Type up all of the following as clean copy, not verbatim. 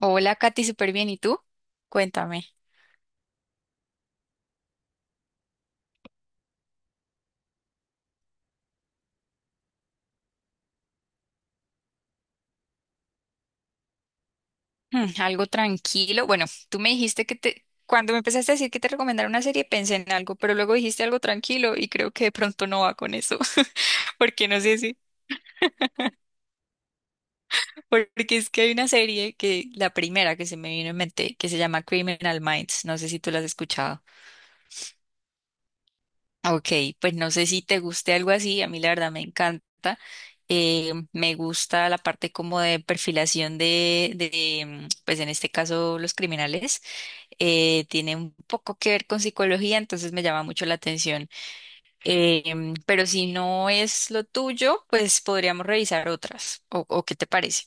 Hola, Katy, súper bien. ¿Y tú? Cuéntame. Algo tranquilo. Bueno, tú me dijiste cuando me empezaste a decir que te recomendara una serie, pensé en algo, pero luego dijiste algo tranquilo y creo que de pronto no va con eso. Porque no sé si, porque es que hay una serie la primera que se me vino en mente, que se llama Criminal Minds. No sé si tú la has escuchado. Ok, pues no sé si te guste algo así. A mí la verdad me encanta. Me gusta la parte como de perfilación de pues en este caso los criminales. Tiene un poco que ver con psicología, entonces me llama mucho la atención. Pero si no es lo tuyo, pues podríamos revisar otras. O qué te parece?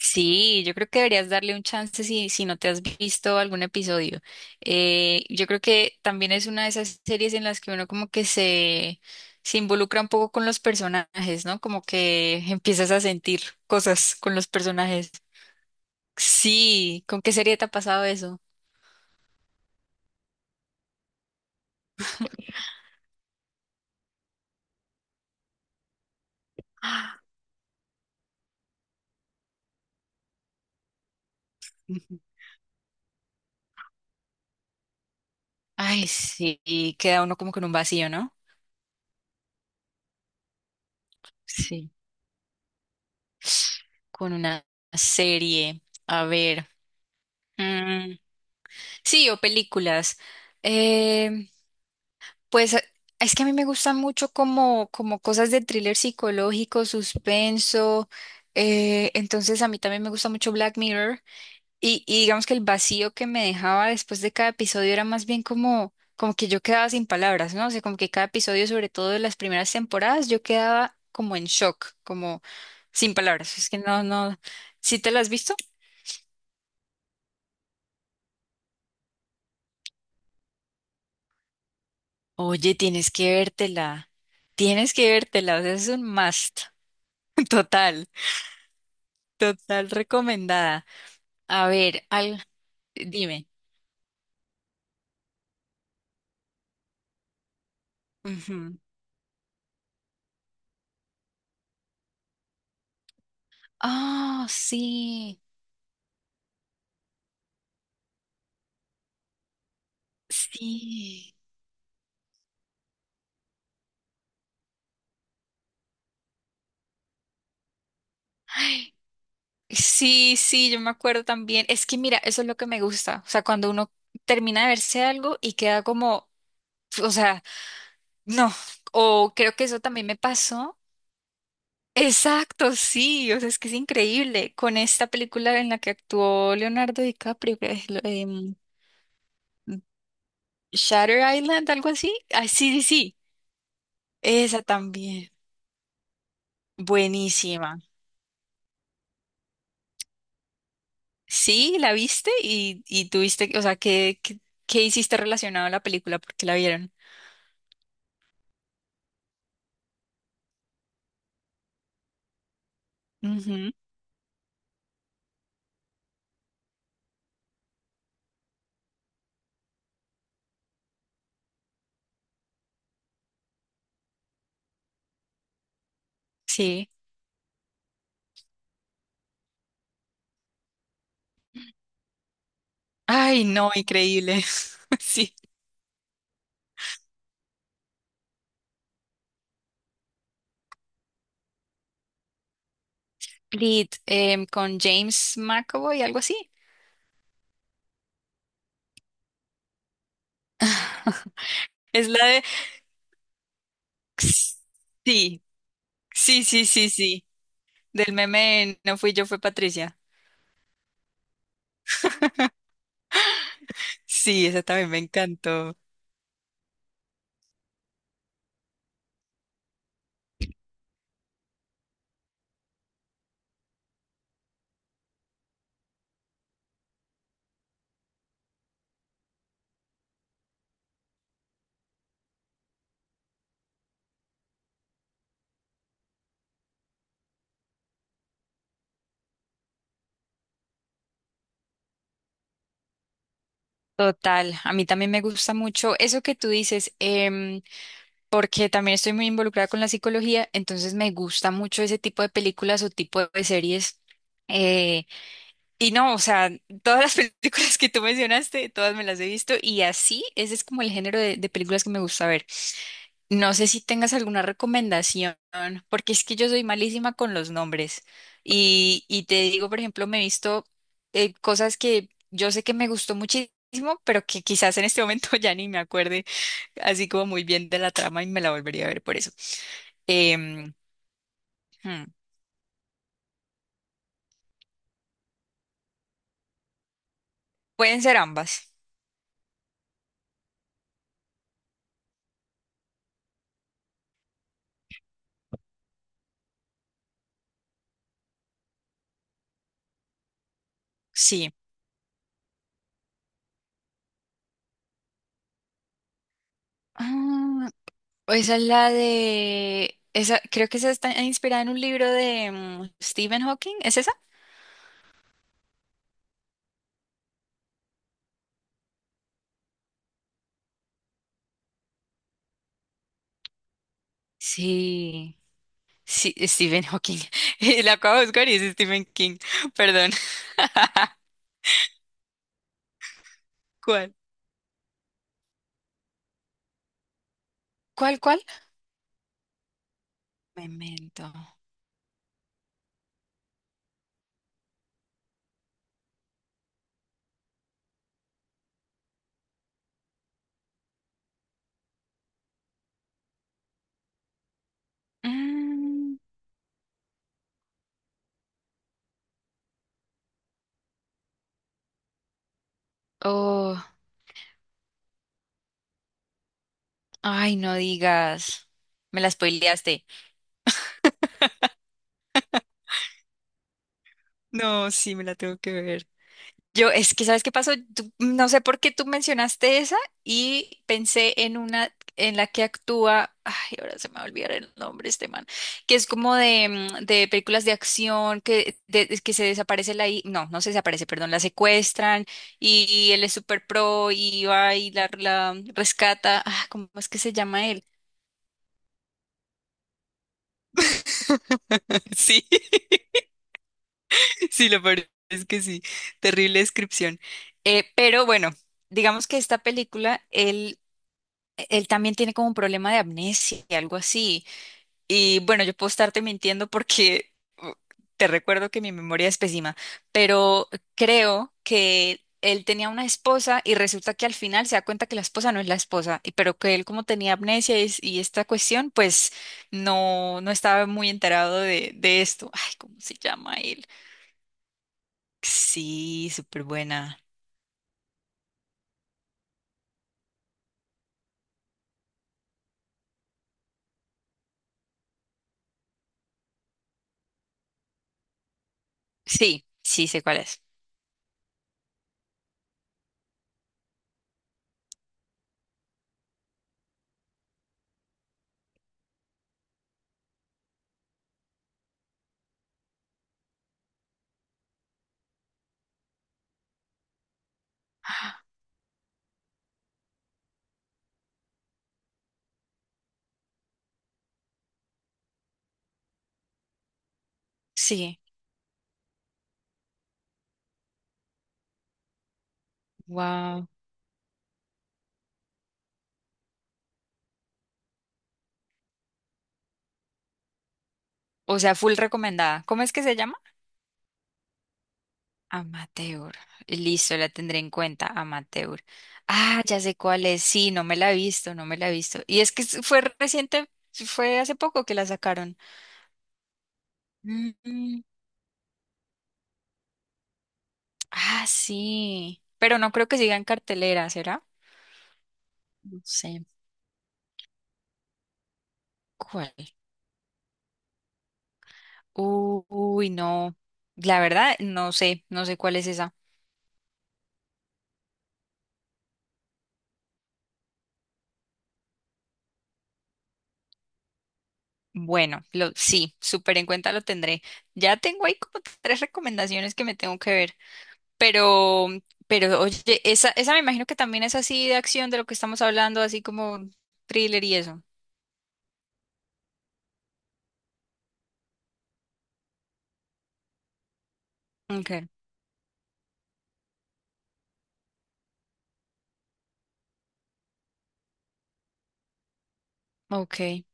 Sí, yo creo que deberías darle un chance si no te has visto algún episodio. Yo creo que también es una de esas series en las que uno como se involucra un poco con los personajes, ¿no? Como que empiezas a sentir cosas con los personajes. Sí, ¿con qué serie te ha pasado eso? Ujú. Ay, sí, y queda uno como con un vacío, ¿no? Sí. Con una serie. A ver. mm, Sí, o películas. Eh, Pues eh, es que a mí me gustan mucho como, como cosas de thriller psicológico, suspenso. Entonces a mí también me gusta mucho Black Mirror. Y digamos que el vacío que me dejaba después de cada episodio era más bien como, como que yo quedaba sin palabras, ¿no? O sea, como que cada episodio, sobre todo de las primeras temporadas, yo quedaba como en shock, como sin palabras. Es que no, no. ¿Sí te la has visto? Oye, tienes que vértela. Tienes que vértela. O sea, es un must total. Total recomendada. A ver, al, Dime. Ujú. Ah, sí, sí. Ay, sí, sí, yo me acuerdo también. Es que mira, eso es lo que me gusta. O sea, cuando uno termina de verse algo y queda como, o sea, no. O creo que eso también me pasó. Exacto, sí. O sea, es que es increíble. Con esta película en la que actuó Leonardo DiCaprio, que es Shutter Island, algo así. Ah, sí, sí, sí. Esa también. Buenísima. Sí, la viste y tuviste, o sea, ¿ qué hiciste relacionado a la película? Porque la vieron. Ujú. Sí. Ay, no, increíble. Sí. Con James McAvoy, algo así. Es la de... Sí, sí, sí, sí, sí. Del meme No fui yo, fue Patricia. Sí, esa también me encantó. Total, a mí también me gusta mucho eso que tú dices. Porque también estoy muy involucrada con la psicología, entonces me gusta mucho ese tipo de películas o tipo de series. Eh, y no, o sea, todas las películas que tú mencionaste, todas me las he visto y así, ese es como el género de películas que me gusta ver. No sé si tengas alguna recomendación, porque es que yo soy malísima con los nombres. Y te digo, por ejemplo, me he visto cosas que yo sé que me gustó muchísimo, pero que quizás en este momento ya ni me acuerde así como muy bien de la trama y me la volvería a ver por eso. Em, hmm, Pueden ser ambas, sí. Ah, esa es la de... Esa, creo que esa está inspirada en un libro de Stephen Hawking, ¿es esa? Sí, sí, Stephen Hawking. Y la acabo de buscar y es Stephen King, perdón. ¿Cuál? Cuál? Memento. Mm, oh, ay, no digas. Me la spoileaste. No, sí, me la tengo que ver. Yo, es que, ¿sabes qué pasó? No sé por qué tú mencionaste esa y pensé en una en la que actúa, ay, ahora se me va a olvidar el nombre este man, que es como de películas de acción, es que se desaparece no, no se desaparece, perdón, la secuestran y él es super pro y va y la rescata. Ah, ¿cómo es que se llama él? Sí, sí, lo peor es que sí, terrible descripción. Pero bueno. Digamos que esta película, él también tiene como un problema de amnesia, y algo así. Y bueno, yo puedo estarte mintiendo porque uh, te recuerdo que mi memoria es pésima, pero creo que él tenía una esposa y resulta que al final se da cuenta que la esposa no es la esposa, pero que él como tenía amnesia y esta cuestión, pues no, no estaba muy enterado de esto. Ay, ¿cómo se llama él? Sí, súper buena. Sí, sí, sé cuál es. Sí, wow. O sea, full recomendada. ¿Cómo es que se llama? Amateur. Listo, la tendré en cuenta, amateur. Ah, ya sé cuál es. Sí, no me la he visto, no me la he visto. Y es que fue reciente, fue hace poco que la sacaron. Mm, ah, sí. Pero no creo que siga en cartelera, ¿será? No sé. ¿Cuál? Uy, no. La verdad, no sé, no sé cuál es esa. Bueno, lo, sí, súper en cuenta lo tendré. Ya tengo ahí como 3 recomendaciones que me tengo que ver. Pero, pero oye, esa me imagino que también es así de acción de lo que estamos hablando, así como thriller y eso. Okay, okay,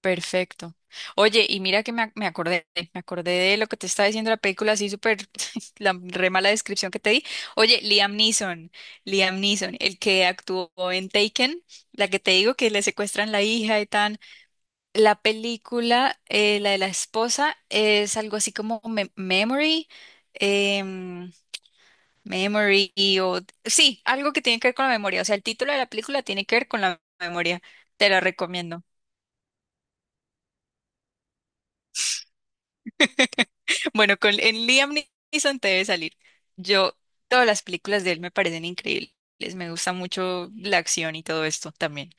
perfecto. Oye, y mira que me acordé de lo que te estaba diciendo la película, así súper, la re mala descripción que te di. Oye, Liam Neeson, Liam Neeson, el que actuó en Taken, la que te digo que le secuestran la hija y tan. La película, la de la esposa, es algo así como Memory. em, Memory o... Sí, algo que tiene que ver con la memoria. O sea, el título de la película tiene que ver con la memoria. Te la recomiendo. Bueno, con en Liam Neeson te debe salir. Yo, todas las películas de él me parecen increíbles. Me gusta mucho la acción y todo esto también.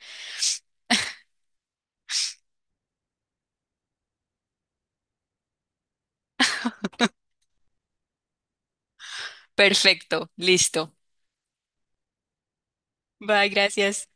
Perfecto, listo. Bye, gracias.